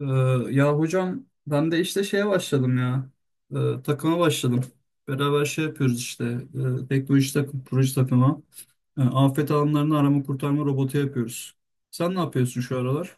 Ee, ya hocam ben de işte şeye başladım ya. Takıma başladım. Beraber şey yapıyoruz işte. Teknoloji takım, proje takımı. Afet alanlarını arama kurtarma robotu yapıyoruz. Sen ne yapıyorsun şu aralar?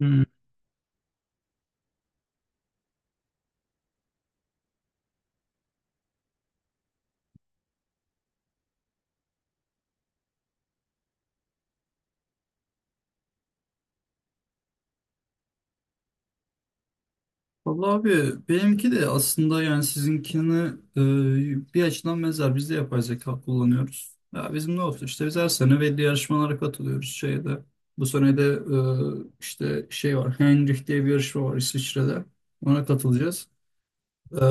Hmm. Vallahi abi benimki de aslında yani sizinkini bir açıdan benzer. Biz de yapay zeka kullanıyoruz. Ya bizim ne olsun işte biz her sene belli yarışmalara katılıyoruz şeyde. Bu sene de işte şey var, Heinrich diye bir yarışma var İsviçre'de. Ona katılacağız. Ee,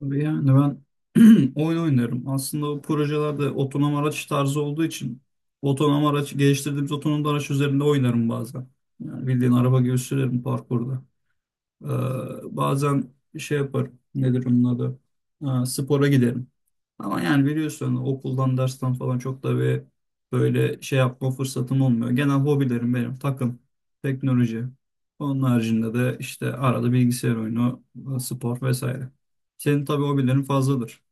yani ben oyun oynarım. Aslında bu projelerde otonom araç tarzı olduğu için otonom araç geliştirdiğimiz otonom araç üzerinde oynarım bazen. Yani bildiğin araba gibi sürerim parkurda. Ee, bazen şey yapar. Nedir onun adı? Spora giderim. Ama yani biliyorsun okuldan, dersten falan çok da bir böyle şey yapma fırsatım olmuyor. Genel hobilerim benim takım, teknoloji. Onun haricinde de işte arada bilgisayar oyunu, spor vesaire. Senin tabii hobilerin fazladır.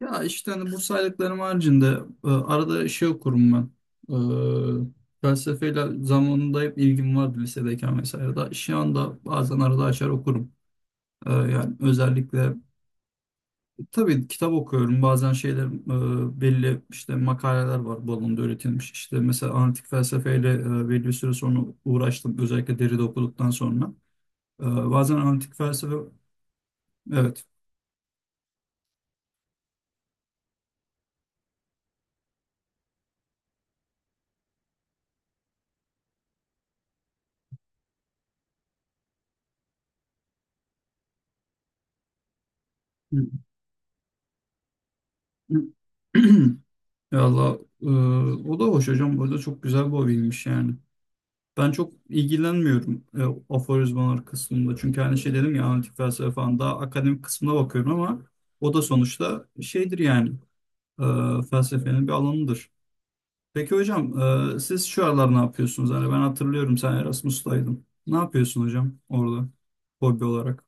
Ya işte hani bu saydıklarım haricinde arada şey okurum ben. E, felsefeyle zamanında hep ilgim vardı lisedeyken vesaire. Da, şu anda bazen arada açar okurum. Yani özellikle tabii kitap okuyorum. Bazen şeyler belli işte makaleler var bu alanda üretilmiş. İşte mesela antik felsefeyle belli bir süre sonra uğraştım. Özellikle Derrida okuduktan sonra. E, bazen antik felsefe, evet. Valla o da hoş hocam. Bu arada çok güzel bir hobiymiş yani. Ben çok ilgilenmiyorum aforizmalar kısmında. Çünkü hani şey dedim ya antik felsefe falan daha akademik kısmına bakıyorum ama o da sonuçta şeydir yani e, felsefenin bir alanıdır. Peki hocam siz şu aralar ne yapıyorsunuz? Hani ben hatırlıyorum sen Erasmus'taydın. Ne yapıyorsun hocam orada hobi olarak?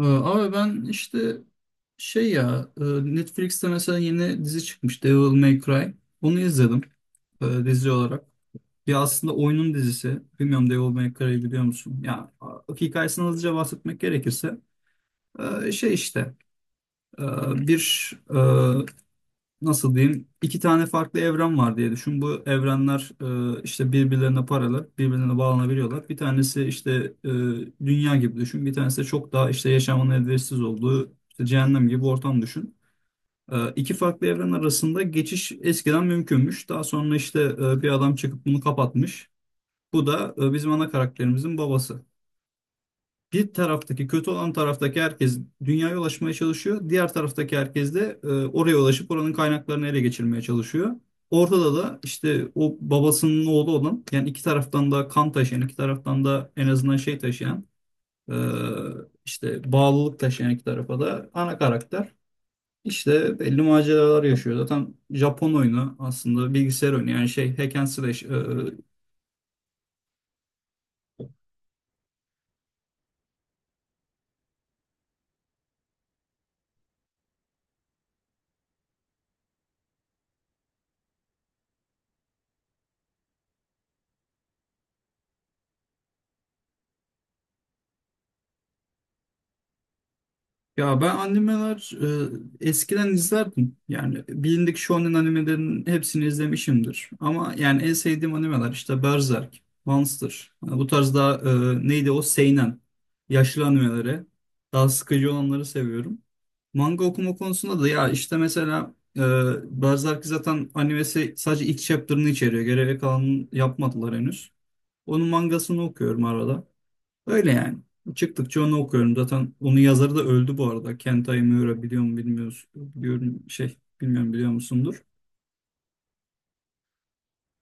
Abi ben işte şey ya Netflix'te mesela yeni dizi çıkmış, Devil May Cry. Bunu izledim dizi olarak. Ya aslında oyunun dizisi. Bilmiyorum, Devil May Cry'ı biliyor musun? Ya a- hikayesini hızlıca bahsetmek gerekirse şey işte e, bir e, nasıl diyeyim, iki tane farklı evren var diye düşün. Bu evrenler işte birbirlerine paralel, birbirlerine bağlanabiliyorlar. Bir tanesi işte e, dünya gibi düşün. Bir tanesi de çok daha işte yaşamın elverişsiz olduğu işte cehennem gibi ortam düşün. İki farklı evren arasında geçiş eskiden mümkünmüş. Daha sonra işte bir adam çıkıp bunu kapatmış. Bu da bizim ana karakterimizin babası. Bir taraftaki kötü olan taraftaki herkes dünyaya ulaşmaya çalışıyor. Diğer taraftaki herkes de oraya ulaşıp oranın kaynaklarını ele geçirmeye çalışıyor. Ortada da işte o babasının oğlu olan yani iki taraftan da kan taşıyan, iki taraftan da en azından şey taşıyan e, işte bağlılık taşıyan iki tarafa da ana karakter. İşte belli maceralar yaşıyor. Zaten Japon oyunu, aslında bilgisayar oyunu yani şey, hack and slash. Ya ben animeler eskiden izlerdim. Yani bilindik shonen animelerin hepsini izlemişimdir. Ama yani en sevdiğim animeler işte Berserk, Monster. Yani bu tarz daha neydi o, seinen. Yaşlı animeleri. Daha sıkıcı olanları seviyorum. Manga okuma konusunda da ya işte mesela Berserk zaten animesi sadece ilk chapter'ını içeriyor. Geriye kalanını yapmadılar henüz. Onun mangasını okuyorum arada. Öyle yani. Çıktıkça onu okuyorum. Zaten onun yazarı da öldü bu arada. Kentai Miura biliyor mu bilmiyoruz. Biliyorum şey, bilmiyorum, biliyor musundur.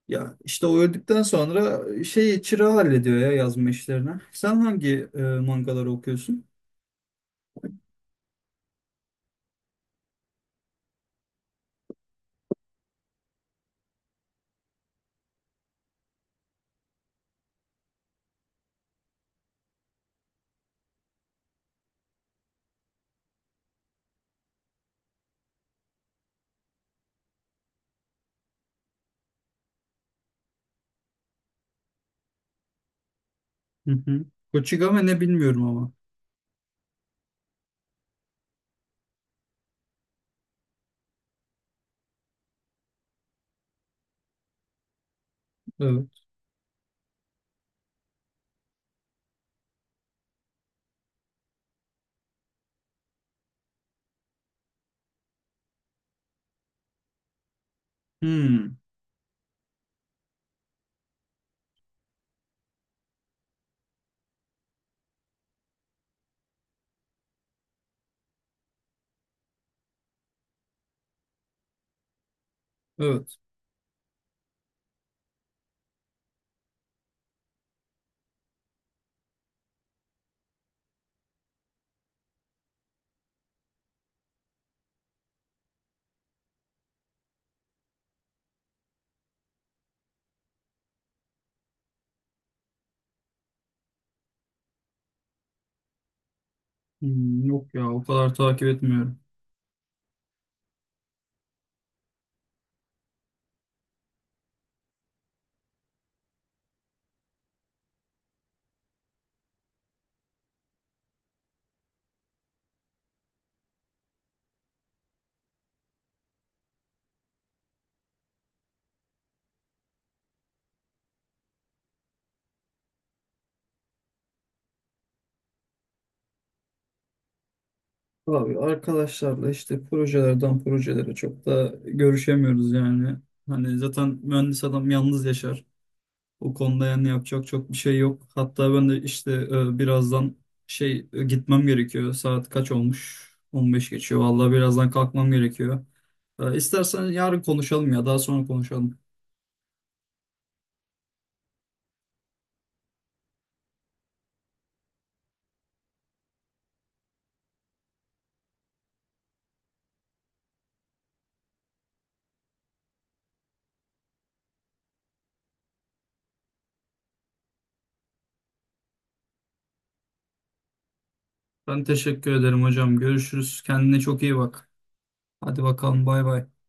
Ya işte o öldükten sonra şey, çırağı hallediyor ya yazma işlerini. Sen hangi mangaları okuyorsun? Hı hı. Kochigame ne bilmiyorum ama. Evet. Hmm, evet. Hmm, yok ya, o kadar takip etmiyorum. Abi arkadaşlarla işte projelerden projelere çok da görüşemiyoruz yani. Hani zaten mühendis adam yalnız yaşar. O konuda yani yapacak çok bir şey yok. Hatta ben de işte birazdan şey gitmem gerekiyor. Saat kaç olmuş? 15 geçiyor. Vallahi birazdan kalkmam gerekiyor. İstersen yarın konuşalım ya daha sonra konuşalım. Ben teşekkür ederim hocam. Görüşürüz. Kendine çok iyi bak. Hadi bakalım, bay bay.